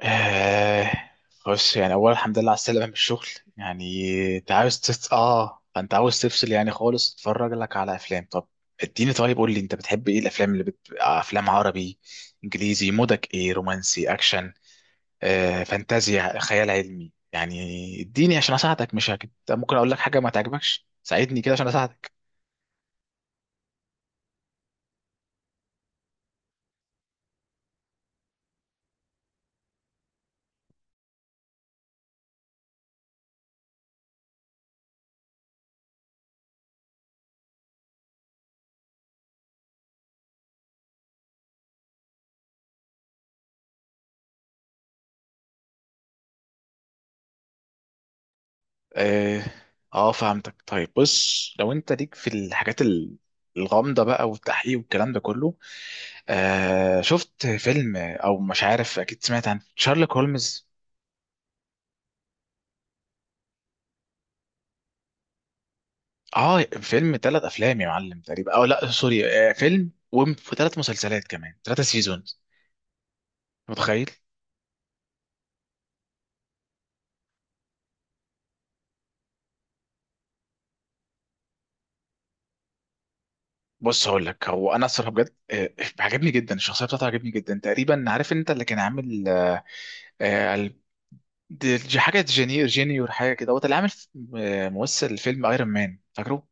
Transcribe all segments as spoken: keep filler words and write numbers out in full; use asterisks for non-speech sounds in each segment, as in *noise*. آه بص، يعني أولا الحمد لله على السلامة من الشغل. يعني أنت عاوز تفصل آه أنت عاوز تفصل، يعني خالص تتفرج لك على أفلام. طب اديني، طيب قول لي، أنت بتحب إيه؟ الأفلام اللي بت... أفلام عربي، إنجليزي؟ مودك إيه، رومانسي، أكشن، آه فانتازيا، خيال علمي يعني؟ اديني عشان أساعدك، مش هك... ممكن أقول لك حاجة ما تعجبكش، ساعدني كده عشان أساعدك. آه آه فهمتك. طيب بص، لو أنت ليك في الحاجات ال- الغامضة بقى والتحقيق والكلام ده كله، آه شفت فيلم؟ او مش عارف، اكيد سمعت عن شارلوك هولمز. اه، فيلم ثلاث افلام يا معلم تقريبا، او لا سوري، آه فيلم وثلاث مسلسلات، كمان ثلاثة سيزونز. متخيل. بص هقول لك، هو انا الصراحه بجد آه عجبني جدا، الشخصيه بتاعته عجبني جدا تقريبا. عارف انت اللي كان عامل آه ال- دي- حاجه جينيور جينيور حاجه كده، هو اللي عامل آه ممثل فيلم ايرون مان، فاكره؟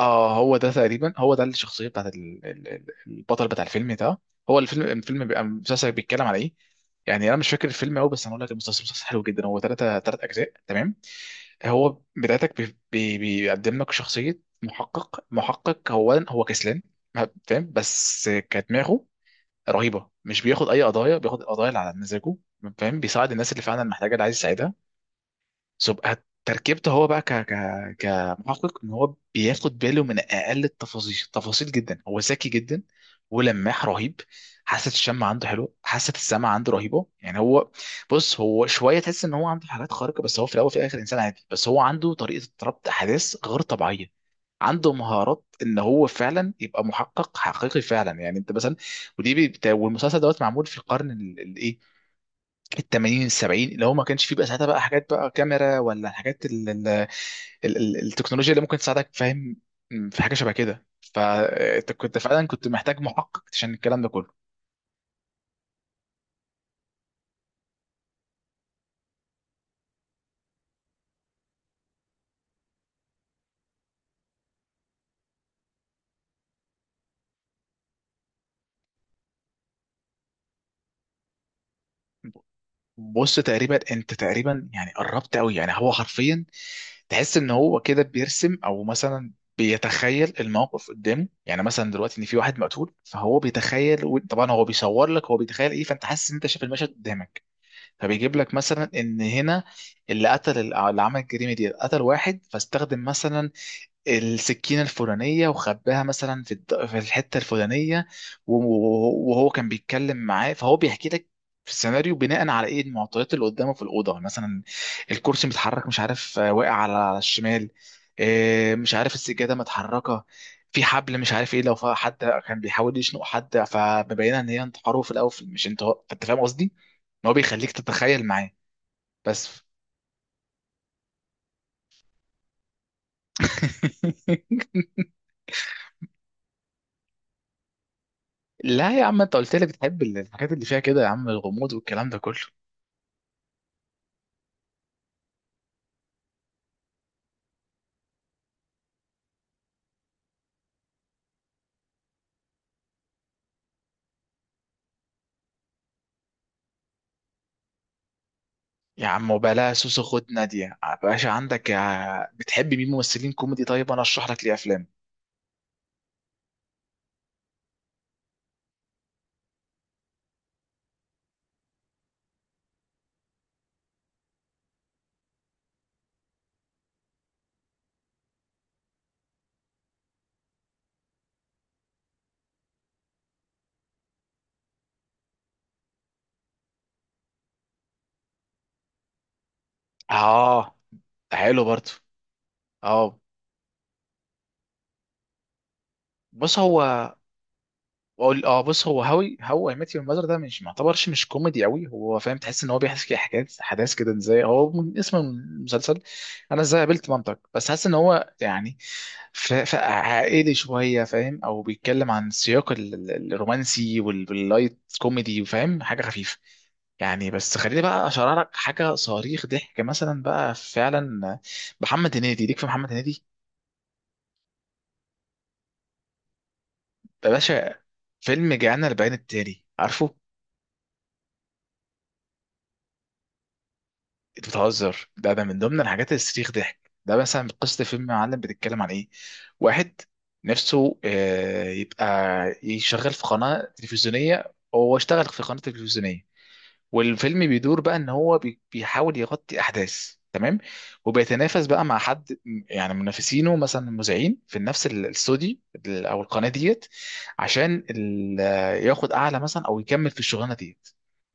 اه، هو ده تقريبا هو ده الشخصيه بتاعت ال- ال- ال- البطل بتاع الفيلم ده. هو الفيلم الفيلم بيبقى المسلسل بيتكلم على ايه؟ يعني انا مش فاكر الفيلم قوي، بس هنقول لك المسلسل مسلسل حلو جدا. هو ثلاثة ثلاث اجزاء تمام. هو بدايتك بي بي بيقدم لك شخصيه محقق محقق هو هو كسلان فاهم، بس كدماغه رهيبه. مش بياخد اي قضايا، بياخد القضايا اللي على مزاجه فاهم، بيساعد الناس اللي فعلا محتاجه، اللي عايز يساعدها. تبقى تركيبته هو بقى ك ك كمحقق ان هو بياخد باله من اقل التفاصيل، تفاصيل جدا. هو ذكي جدا ولماح رهيب. حاسه الشم عنده حلو، حاسه السمع عنده رهيبه. يعني هو، بص، هو شويه تحس ان هو عنده حالات خارقه، بس هو في الاول وفي الاخر انسان عادي، بس هو عنده طريقه ربط احداث غير طبيعيه. عنده مهارات ان هو فعلا يبقى محقق حقيقي فعلا، يعني انت مثلا. ودي بي- والمسلسل دوت معمول في القرن الايه؟ التمانين السبعين، اللي هو ما كانش فيه بقى ساعتها بقى حاجات، بقى كاميرا ولا الحاجات ال ال ال ال التكنولوجيا اللي ممكن تساعدك فاهم. في حاجه شبه كده. فانت كنت فعلا كنت محتاج محقق عشان الكلام ده كله. بص، تقريبا انت تقريبا يعني قربت قوي. يعني هو حرفيا تحس ان هو كده بيرسم، او مثلا بيتخيل الموقف قدامه. يعني مثلا دلوقتي ان في واحد مقتول، فهو بيتخيل، طبعا هو بيصور لك هو بيتخيل ايه، فانت حاسس ان انت شايف المشهد قدامك. فبيجيب لك مثلا ان هنا اللي قتل، اللي عمل الجريمه دي قتل واحد، فاستخدم مثلا السكينة الفلانية وخباها مثلا في الد- في الحتة الفلانية، و- و- وهو كان بيتكلم معاه، فهو بيحكي لك في السيناريو بناء على ايه المعطيات اللي قدامه في الأوضة. مثلا الكرسي متحرك، مش عارف، آه، واقع على على الشمال، آه، مش عارف السجادة متحركة، في حبل مش عارف ايه، لو ف- حد كان بيحاول يشنق حد فمبينه ان هي انتحاره في الاول، مش انت، انت فاهم قصدي؟ ان هو بيخليك تتخيل معاه. بس *laughs* لا يا عم، انت قلت لي بتحب الحاجات اللي فيها كده يا عم، الغموض والكلام ده كله. يا عم وبلا سوسو، خد نادية باشا عندك. يا- بتحب مين ممثلين كوميدي؟ طيب انا اشرح لك ليه افلام. اه، ده حلو برضه. اه بص هو واقول اه بص هو هاوي، هو اي ميت يور ماذر ده مش معتبرش مش كوميدي قوي، هو فاهم تحس ان هو بيحكي حكايات احداث كده ازاي. هو من اسم المسلسل، انا ازاي قابلت مامتك، بس حاسس ان هو يعني ف- ف- عائلي شويه فاهم. او بيتكلم عن سياق ال- ال- الرومانسي وال- واللايت كوميدي وفاهم، حاجه خفيفه يعني. بس خليني بقى اشرح لك حاجه صريخ ضحك مثلا بقى فعلا. محمد هنيدي، ليك في محمد هنيدي يا باشا. فيلم جانا البيان التالي، عارفه؟ انت بتهزر؟ ده ده من ضمن الحاجات اللي تستريخ ضحك. ده مثلا قصة فيلم معلم، بتتكلم عن ايه؟ واحد نفسه آه، يبقى يشغل في قناة تلفزيونية، هو اشتغل في قناة تلفزيونية، والفيلم بيدور بقى ان هو بي- بيحاول يغطي احداث تمام، وبيتنافس بقى مع حد م- يعني منافسينه، مثلا مذيعين في نفس ال- الاستوديو، ال- او القناة ديت، عشان ال- آه، ياخد اعلى مثلا او يكمل في الشغلانة ديت.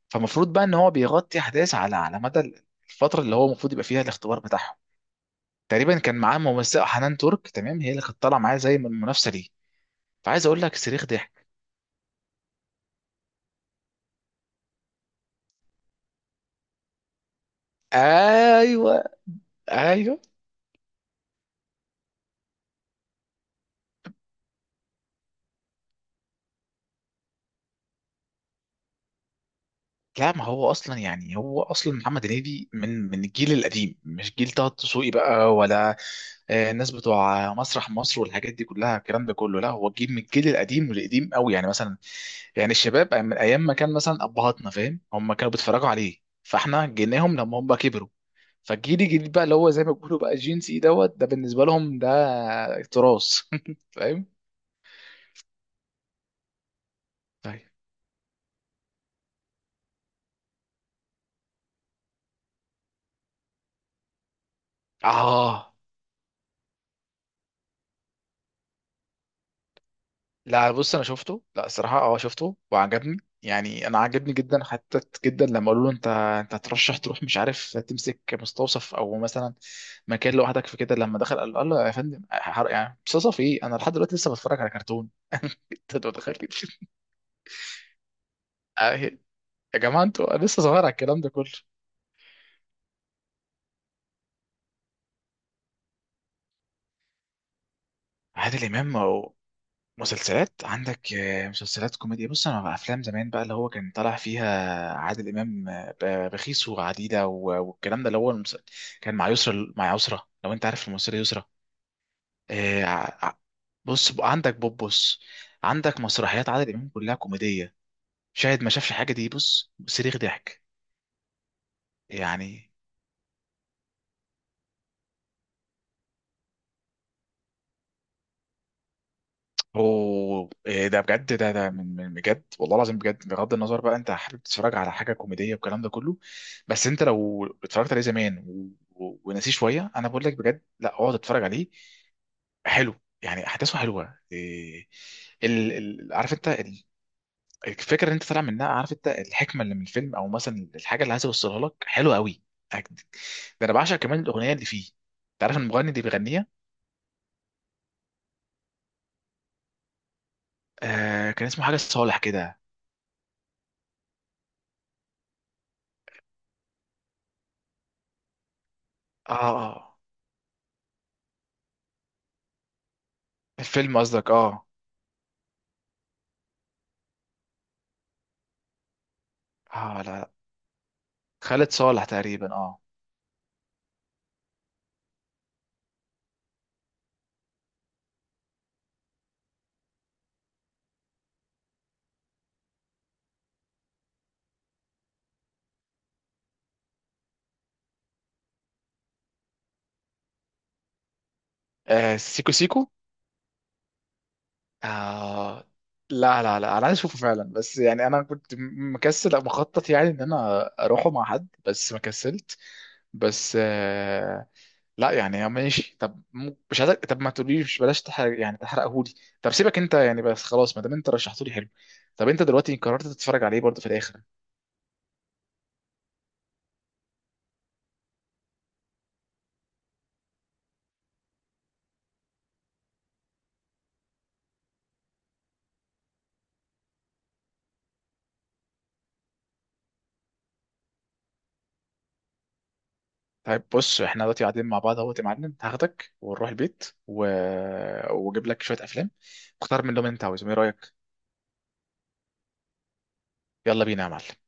فمفروض بقى ان هو بيغطي احداث على على مدى الفتره اللي هو المفروض يبقى فيها الاختبار بتاعهم. تقريبا كان معاه ممثله حنان ترك تمام، هي اللي كانت طالعه معاه زي من المنافسه ليه. فعايز اقول لك صريخ ضحك. ايوه، ايوه. لا، ما هو اصلا يعني هو اصلا محمد هنيدي من من الجيل القديم، مش جيل طه دسوقي بقى ولا آه، الناس بتوع مسرح مصر والحاجات دي كلها الكلام ده كله. لا، هو جيل من الجيل القديم والقديم قوي يعني مثلا. يعني الشباب من ايام ما كان مثلا ابهاتنا فاهم، هم كانوا بيتفرجوا عليه، فاحنا جيناهم لما هم كبروا. فالجيل الجديد بقى اللي هو زي ما بيقولوا بقى جين سي دوت، ده بالنسبه لهم ده تراث *laughs* فاهم. طيب اه، لا بص انا شفته، لا الصراحه اه شفته وعجبني، يعني انا عجبني جدا حتى جدا. لما قالوا له انت انت هترشح تروح مش عارف تمسك مستوصف، او مثلا مكان لوحدك في كده، لما دخل قال له قال له يا فندم، حر- يعني مستوصف ايه، انا لحد دلوقتي لسه بتفرج على كرتون. *laughs* انت متخيل؟ آه، يا جماعه انتوا، أنا لسه صغير على الكلام ده كله. عادل امام مسلسلات عندك، آه، مسلسلات كوميديا. بص، انا بقى افلام زمان بقى اللي هو كان طالع فيها عادل امام، آه، ب- بخيس وعديله و- والكلام ده اللي هو المس... كان مع يسرا، مع يسرا لو انت عارف الممثله يسرا. آه، ع- ع- بص بقى عندك بوبوس، عندك مسرحيات عادل امام كلها كوميديه. شاهد ما شافش حاجه دي، بص صريخ ضحك يعني. اوه، إيه ده بجد؟ ده ده من من بجد، والله العظيم بجد، بغض النظر بقى انت حابب تتفرج على حاجه كوميديه والكلام ده كله. بس انت لو اتفرجت عليه زمان و... و... ونسيه شويه، انا بقول لك بجد، لا اقعد اتفرج عليه. حلو، يعني احداثه حلوه. إيه ال... ال... عارف انت ال... الفكره اللي انت طالع منها، عارف انت الحكمه اللي من الفيلم او مثلا الحاجه اللي عايز يوصلها لك، حلوه قوي. أكد. ده انا بعشق كمان الاغنيه اللي فيه. انت عارف المغني اللي بيغنيها؟ آه كان اسمه حاجه صالح كده. اه، اه، الفيلم قصدك، اه. اه، لا، خالد صالح تقريبا اه. آه، سيكو سيكو. آه لا، لا، لا، انا عايز اشوفه فعلا، بس يعني انا كنت م- مكسل أو مخطط يعني ان انا اروحه مع حد بس ما كسلت. بس آه لا، يعني ماشي. طب م- مش عايزك، طب ما تقوليش، بلاش تحرق يعني تحرقهولي. طب سيبك انت يعني بس خلاص، ما دام انت رشحته لي حلو. طب انت دلوقتي قررت تتفرج عليه برضه في الاخر؟ طيب بص، احنا دلوقتي قاعدين مع بعض اهوت يا معلم، هاخدك ونروح البيت و... واجيب لك شويه افلام، اختار منهم اللي انت عاوزهم. ايه رايك؟ يلا بينا يا معلم.